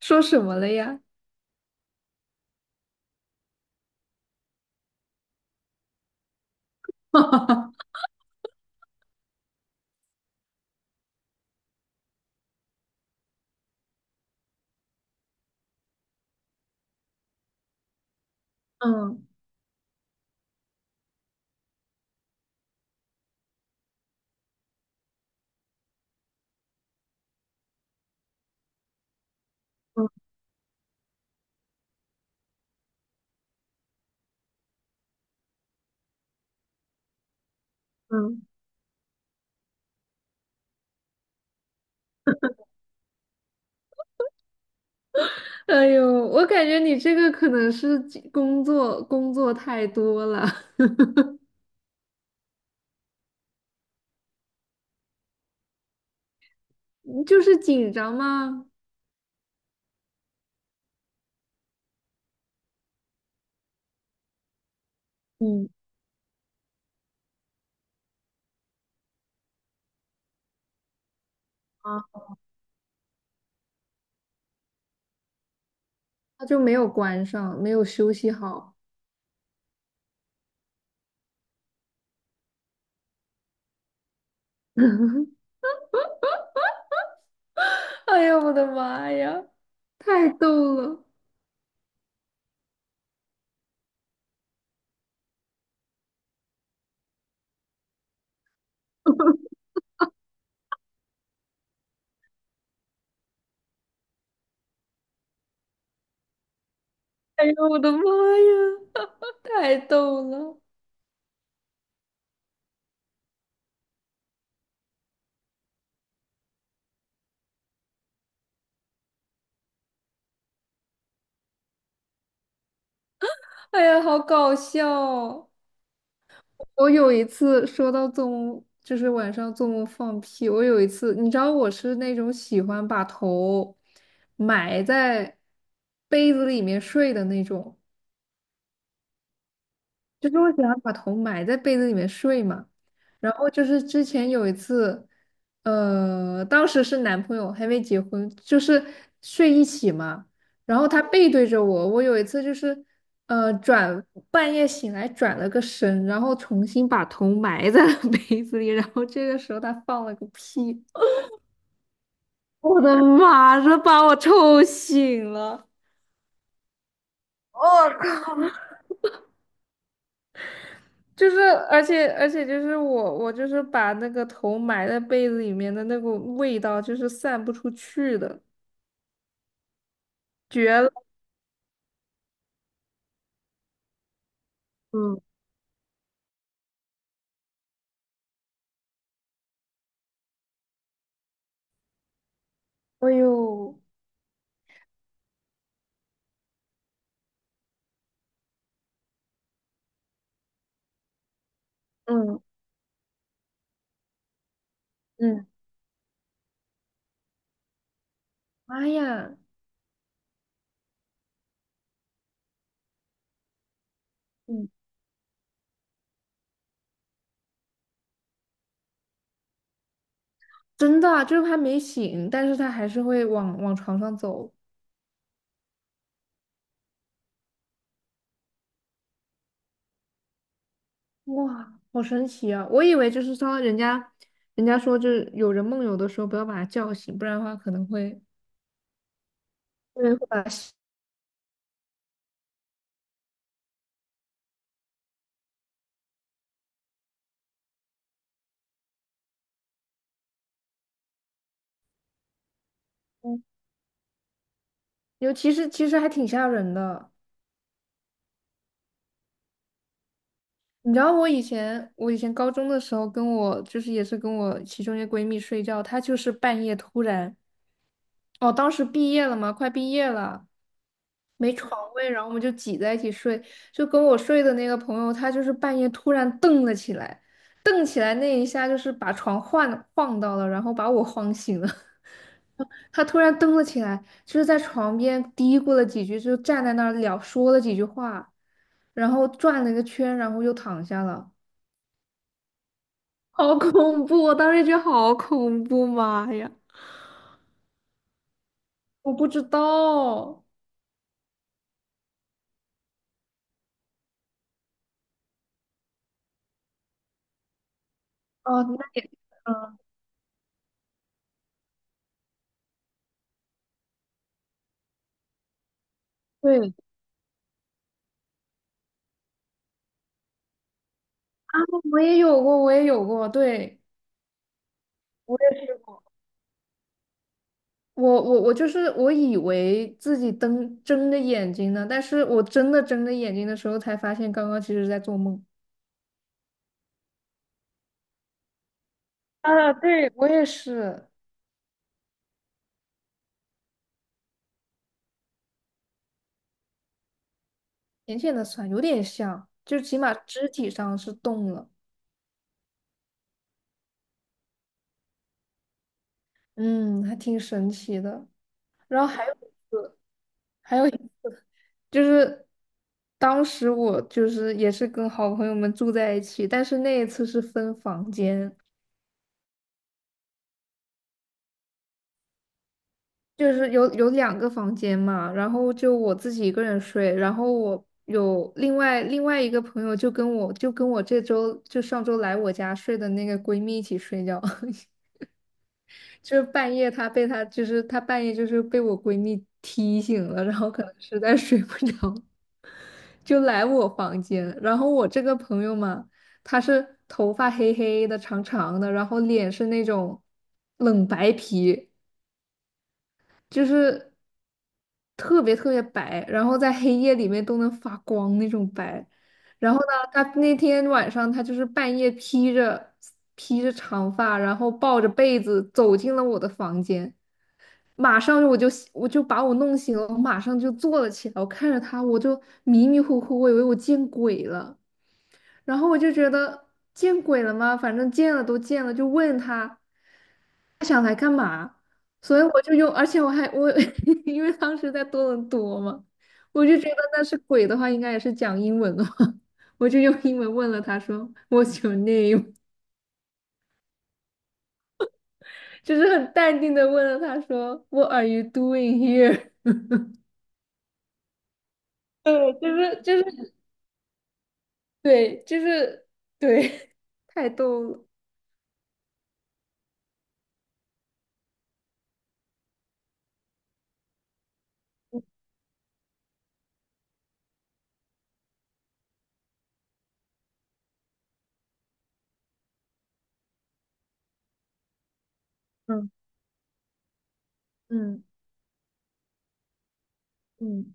说什么了呀？嗯嗯嗯，哎呦，我感觉你这个可能是紧工作工作太多了，你就是紧张吗？嗯啊，他就没有关上，没有休息好。哎呀，我的妈呀，太逗了！哎呀，我的妈呀，太逗了！哎呀，好搞笑哦！我有一次说到做梦，就是晚上做梦放屁。我有一次，你知道我是那种喜欢把头埋在被子里面睡的那种。就是我喜欢把头埋在被子里面睡嘛。然后就是之前有一次，当时是男朋友还没结婚，就是睡一起嘛。然后他背对着我，我有一次就是，呃，转半夜醒来转了个身，然后重新把头埋在了 被子里，然后这个时候他放了个屁，我的妈，这把我臭醒了。就是，而且就是我就是把那个头埋在被子里面的那股味道，就是散不出去的，绝了！嗯。哎呦，嗯。嗯。妈呀。嗯。真的啊，就是他没醒，但是他还是会往床上走。哇，好神奇啊！我以为就是说人家说就是有人梦游的时候不要把他叫醒，不然的话可能会。对，把他吓。嗯，尤其是其实还挺吓人的。你知道我以前，我以前高中的时候，跟我就是也是跟我其中一个闺蜜睡觉，她就是半夜突然，哦，当时毕业了嘛，快毕业了，没床位，然后我们就挤在一起睡，就跟我睡的那个朋友，她就是半夜突然瞪了起来，瞪起来那一下就是把床晃到了，然后把我晃醒了。她突然瞪了起来，就是在床边嘀咕了几句，就站在那儿聊说了几句话，然后转了一个圈，然后又躺下了。好恐怖！我当时觉得好恐怖，妈呀！我不知道哦。眼那也对。啊，我也有过，我也有过，对，我也试过。我就是我以为自己瞪睁着眼睛呢，但是我真的睁着眼睛的时候才发现，刚刚其实在做梦。啊，对，我也是。浅浅的酸，有点像，就起码肢体上是动了。嗯，还挺神奇的。然后还有一次，还个，就是当时我就是也是跟好朋友们住在一起，但是那一次是分房间，就是有两个房间嘛，然后就我自己一个人睡，然后我有另外一个朋友就跟我这周上周来我家睡的那个闺蜜一起睡觉。就是半夜她被她就是她半夜就是被我闺蜜踢醒了，然后可能实在睡不着。就来我房间，然后我这个朋友嘛，他是头发黑黑的、长长的，然后脸是那种冷白皮，就是特别白，然后在黑夜里面都能发光那种白。然后呢，他那天晚上他就是半夜披着长发，然后抱着被子走进了我的房间。马上我就把我弄醒了，我马上就坐了起来。我看着他，我就迷迷糊糊，我以为我见鬼了。然后我就觉得见鬼了吗？反正见了都见了，就问他。所以我就用，而且我还我 因为当时在多伦多嘛，我就觉得那是鬼的话，应该也是讲英文的话，我就用英文问了他说 "What's your name？" 就是很淡定的问了他说 "What are you doing here？" 对，就是对，就是对，太逗了。嗯。嗯。嗯。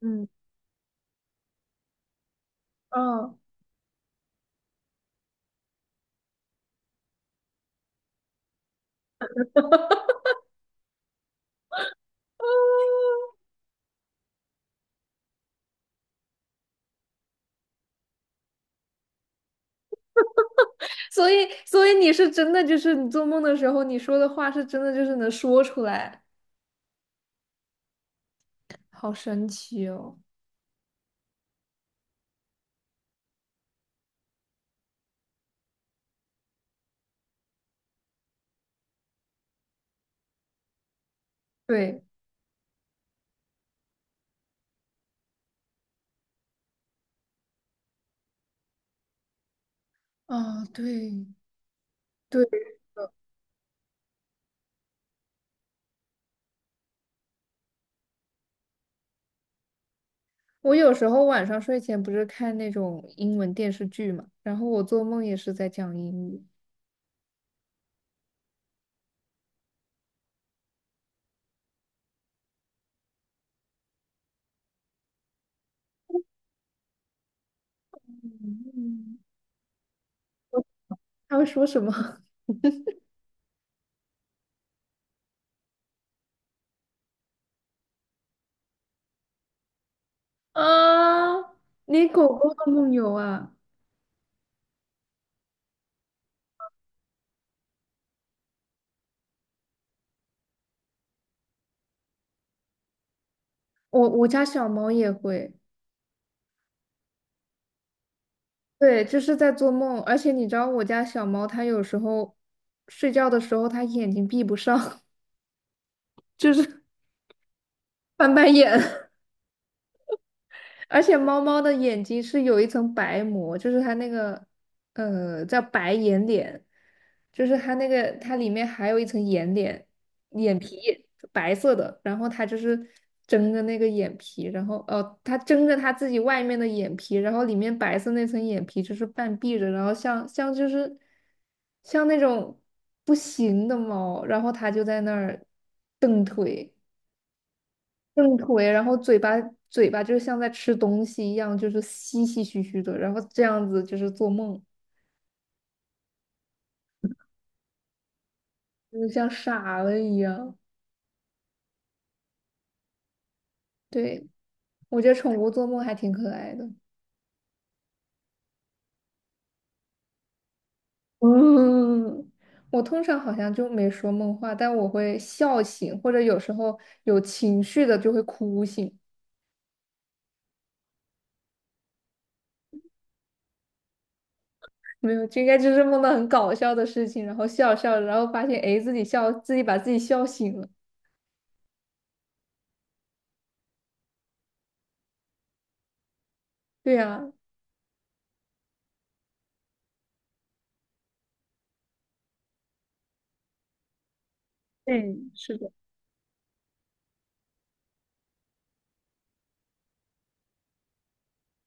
嗯。哦。所以，所以你是真的，就是你做梦的时候，你说的话是真的，就是能说出来，好神奇哦。对。啊，对。对，我有时候晚上睡前不是看那种英文电视剧嘛，然后我做梦也是在讲英语。嗯。我他会说什么。 啊？你狗狗的梦游啊？我家小猫也会。对，就是在做梦，而且你知道我家小猫它有时候睡觉的时候它眼睛闭不上，就是翻白眼。而且猫猫的眼睛是有一层白膜，就是它那个，叫白眼睑，就是它那个它里面还有一层眼睑，眼皮白色的，然后它就是睁着那个眼皮，然后哦，它睁着它自己外面的眼皮，然后里面白色那层眼皮就是半闭着，然后像就是像那种不行的猫，然后它就在那儿蹬腿。正腿，然后嘴巴就是像在吃东西一样，就是吸吸嘘嘘的，然后这样子就是做梦，就是像傻了一样。对，我觉得宠物做梦还挺可爱的。嗯。我通常好像就没说梦话，但我会笑醒，或者有时候有情绪的就会哭醒。没有，就应该就是梦到很搞笑的事情，然后笑着然后发现诶自己笑，自己把自己笑醒了。对呀、嗯，是的。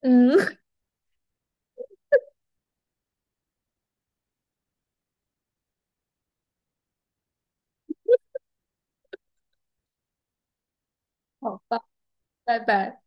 嗯，好吧，拜拜。